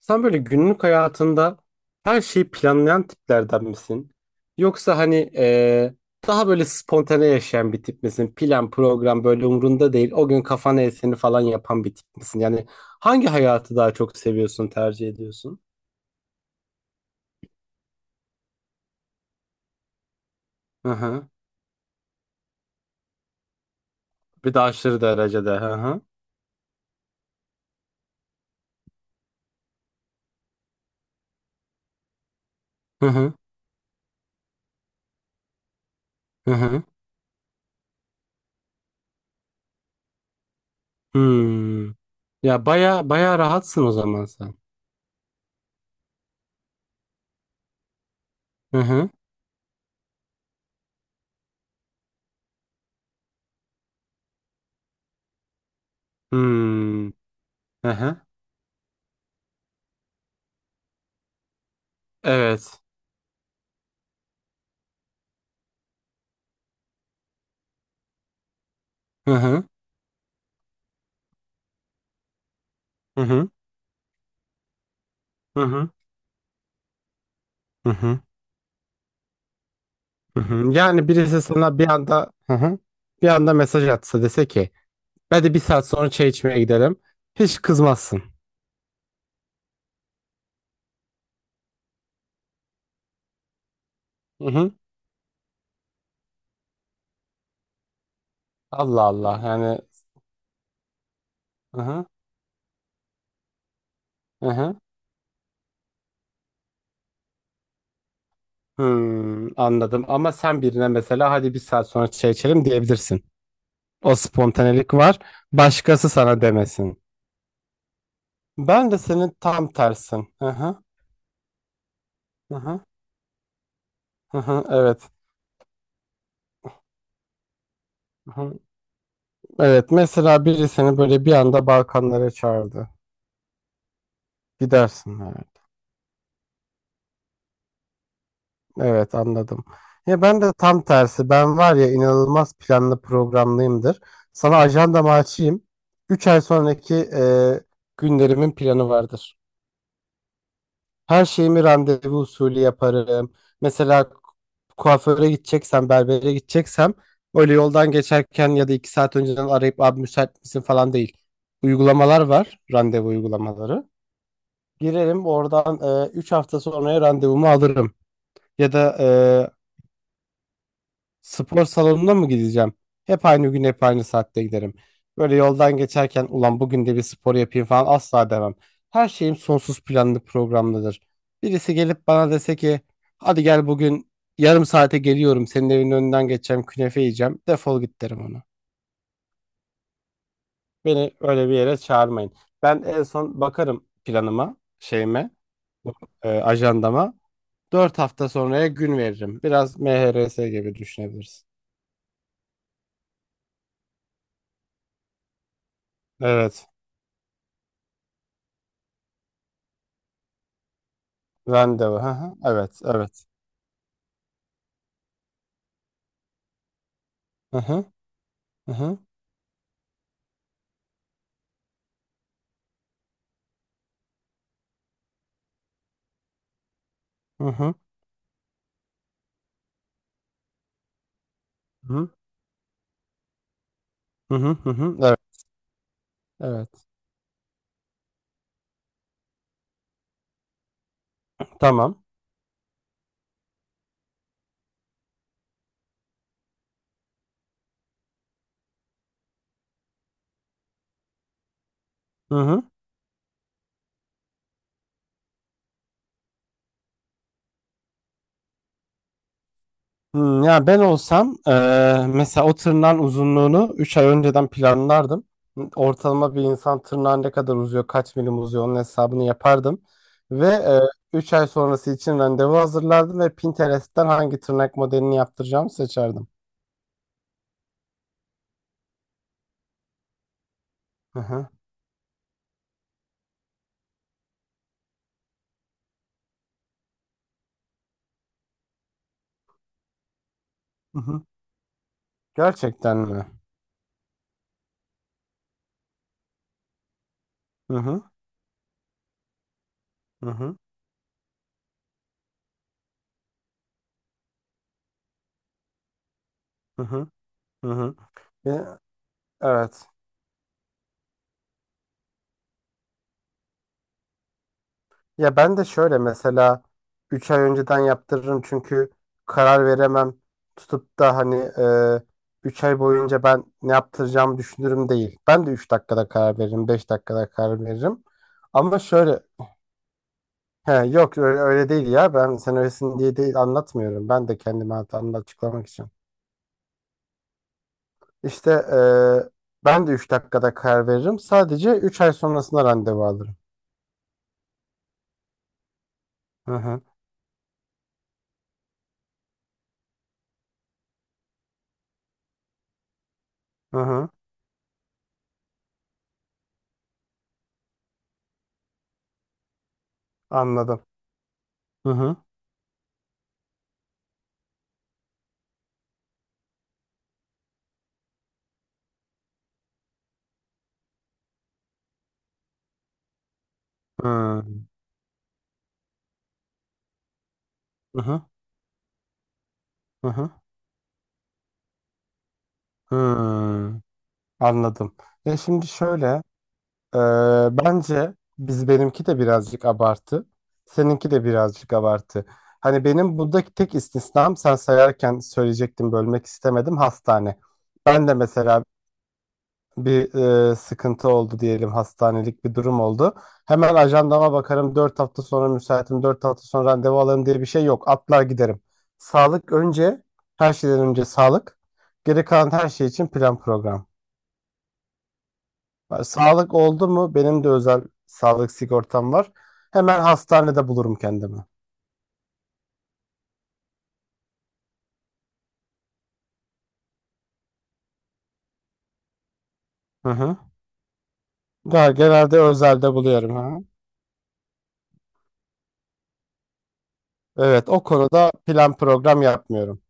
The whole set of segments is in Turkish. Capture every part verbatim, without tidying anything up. Sen böyle günlük hayatında her şeyi planlayan tiplerden misin? Yoksa hani eee, daha böyle spontane yaşayan bir tip misin? Plan, program böyle umrunda değil. O gün kafana eseni falan yapan bir tip misin? Yani hangi hayatı daha çok seviyorsun, tercih ediyorsun? Hı hı. Bir de aşırı derecede. Hı hı. Hı hı. Hı hı. Hmm. Ya baya baya rahatsın o zaman sen. Hı hı. Hmm. Hı hı. Evet. Hı hı. Hı hı. Hı hı. Hı hı. Hı hı. Yani birisi sana bir anda hı hı, bir anda mesaj atsa dese ki ben de bir saat sonra çay içmeye gidelim. Hiç kızmazsın. Hı hı. Allah Allah yani hı hı, hı hı. Hmm, anladım ama sen birine mesela hadi bir saat sonra çay içelim diyebilirsin. O spontanelik var. Başkası sana demesin. Ben de senin tam tersin. Hı hı, hı hı, hı hı, evet. Hı hı. Evet, mesela biri seni böyle bir anda Balkanlara çağırdı. Gidersin yani. Evet, anladım. Ya ben de tam tersi. Ben var ya inanılmaz planlı programlıyımdır. Sana ajandamı açayım. Üç ay sonraki e, günlerimin planı vardır. Her şeyimi randevu usulü yaparım. Mesela kuaföre gideceksem, berbere gideceksem öyle yoldan geçerken ya da iki saat önceden arayıp abi müsait misin falan değil. Uygulamalar var, randevu uygulamaları. Girerim oradan üç hafta sonraya randevumu alırım. Ya da spor salonuna mı gideceğim? Hep aynı gün, hep aynı saatte giderim. Böyle yoldan geçerken ulan bugün de bir spor yapayım falan asla demem. Her şeyim sonsuz planlı programlıdır. Birisi gelip bana dese ki hadi gel bugün yarım saate geliyorum senin evinin önünden geçeceğim künefe yiyeceğim, defol git derim ona. Beni öyle bir yere çağırmayın. Ben en son bakarım planıma, şeyime, e, ajandama. Dört hafta sonraya gün veririm. Biraz M H R S gibi düşünebilirsin. Evet. Randevu. Hı hı. Evet, evet. Hı hı. Hı hı. Hı hı. Hı hı. Hı hı, hı. Evet, evet. Tamam. Hı hı. Hmm, ya ben olsam eee, mesela o tırnağın uzunluğunu üç ay önceden planlardım. Ortalama bir insan tırnağı ne kadar uzuyor, kaç milim uzuyor onun hesabını yapardım. Ve üç ay sonrası için randevu hazırlardım ve Pinterest'ten hangi tırnak modelini yaptıracağımı seçerdim. Hı hı. Hı hı. Gerçekten mi? Hı hı. Hı hı. Hı hı. Hı hı. E, evet. Ya ben de şöyle, mesela üç ay önceden yaptırırım çünkü karar veremem. Tutup da hani üç ay boyunca ben ne yaptıracağımı düşünürüm değil. Ben de üç dakikada karar veririm, beş dakikada karar veririm. Ama şöyle, he, yok öyle, öyle değil, ya ben sen öylesin diye değil anlatmıyorum. Ben de kendimi hatamda açıklamak için. İşte e, ben de üç dakikada karar veririm. Sadece üç ay sonrasında randevu alırım. Hı hı, hı hı, anladım. Hı hı, hı hı, hı hı. Hmm, anladım. Ya şimdi şöyle, e, bence biz, benimki de birazcık abartı, seninki de birazcık abartı. Hani benim buradaki tek istisnam, sen sayarken söyleyecektim, bölmek istemedim, hastane. Ben de mesela bir e, sıkıntı oldu diyelim, hastanelik bir durum oldu. Hemen ajandama bakarım, dört hafta sonra müsaitim, dört hafta sonra randevu alırım diye bir şey yok. Atlar giderim. Sağlık önce, her şeyden önce sağlık. Geri kalan her şey için plan program. Ben- Sağlık oldu mu? Benim de özel sağlık sigortam var. Hemen hastanede bulurum kendimi. Hı hı. Ya, genelde özelde buluyorum. Ha. Evet, o konuda plan program yapmıyorum.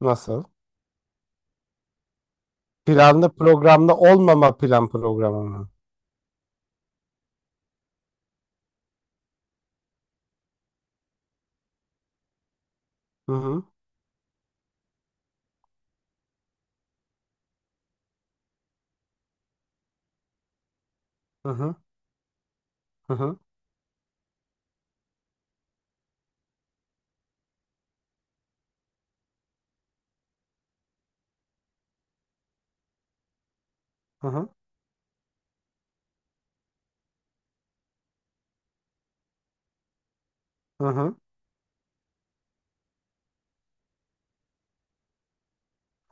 Nasıl? Planlı programlı olmama plan programı mı? Hı hı. Hı hı. Hı hı. Hı hı. Hı hı.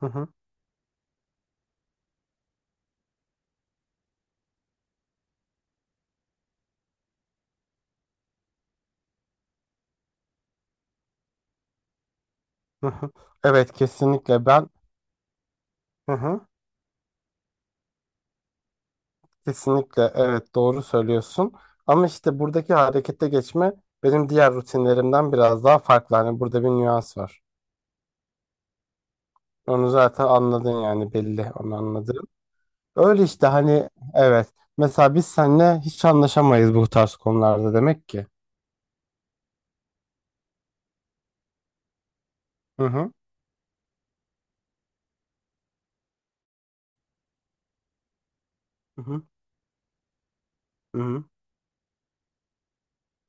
Hı hı. Hı hı. Evet, kesinlikle ben. Hı hı. Kesinlikle evet, doğru söylüyorsun. Ama işte buradaki harekete geçme benim diğer rutinlerimden biraz daha farklı. Hani burada bir nüans var. Onu zaten anladın, yani belli, onu anladım. Öyle işte, hani evet. Mesela biz seninle hiç anlaşamayız bu tarz konularda demek ki. Hı hı. Hı hı. Hı hı.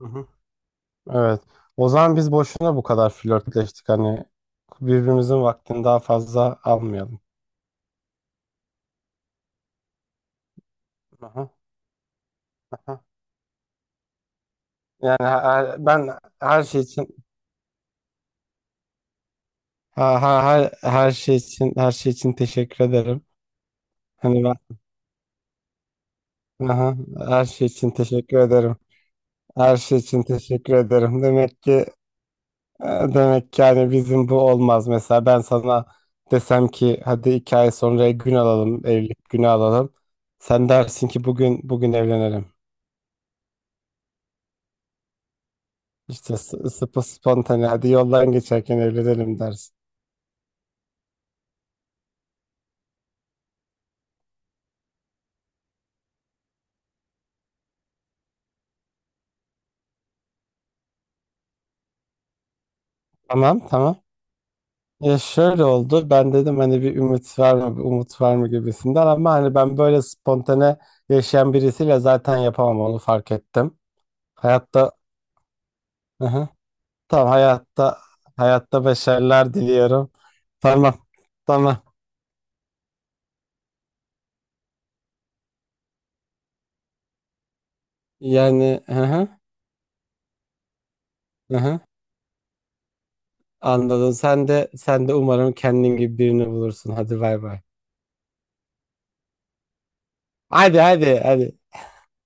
Hı hı. Evet. O zaman biz boşuna bu kadar flörtleştik, hani birbirimizin vaktini daha fazla almayalım. Hı hı. Hı hı. Yani her- ben her şey için ha- ha- her, her şey için her şey için teşekkür ederim. Hani ben, hı hı, her şey için teşekkür ederim. Her şey için teşekkür ederim. Demek ki E, demek ki yani bizim bu olmaz. Mesela ben sana desem ki hadi iki ay sonra gün alalım, evlilik günü alalım. Sen dersin ki bugün bugün evlenelim. İşte s- sıpı spontane, hadi yoldan geçerken evlenelim dersin. Tamam tamam. Ya şöyle oldu. Ben dedim hani bir ümit var mı, bir umut var mı gibisinden, ama hani ben böyle spontane yaşayan birisiyle zaten yapamam, onu fark ettim. Hayatta, hı hı, tamam, hayatta, hayatta başarılar diliyorum. Tamam. Tamam. Yani hı hı, hı hı. Anladım. Sen de, sen de umarım kendin gibi birini bulursun. Hadi bay bay. Hadi hadi hadi.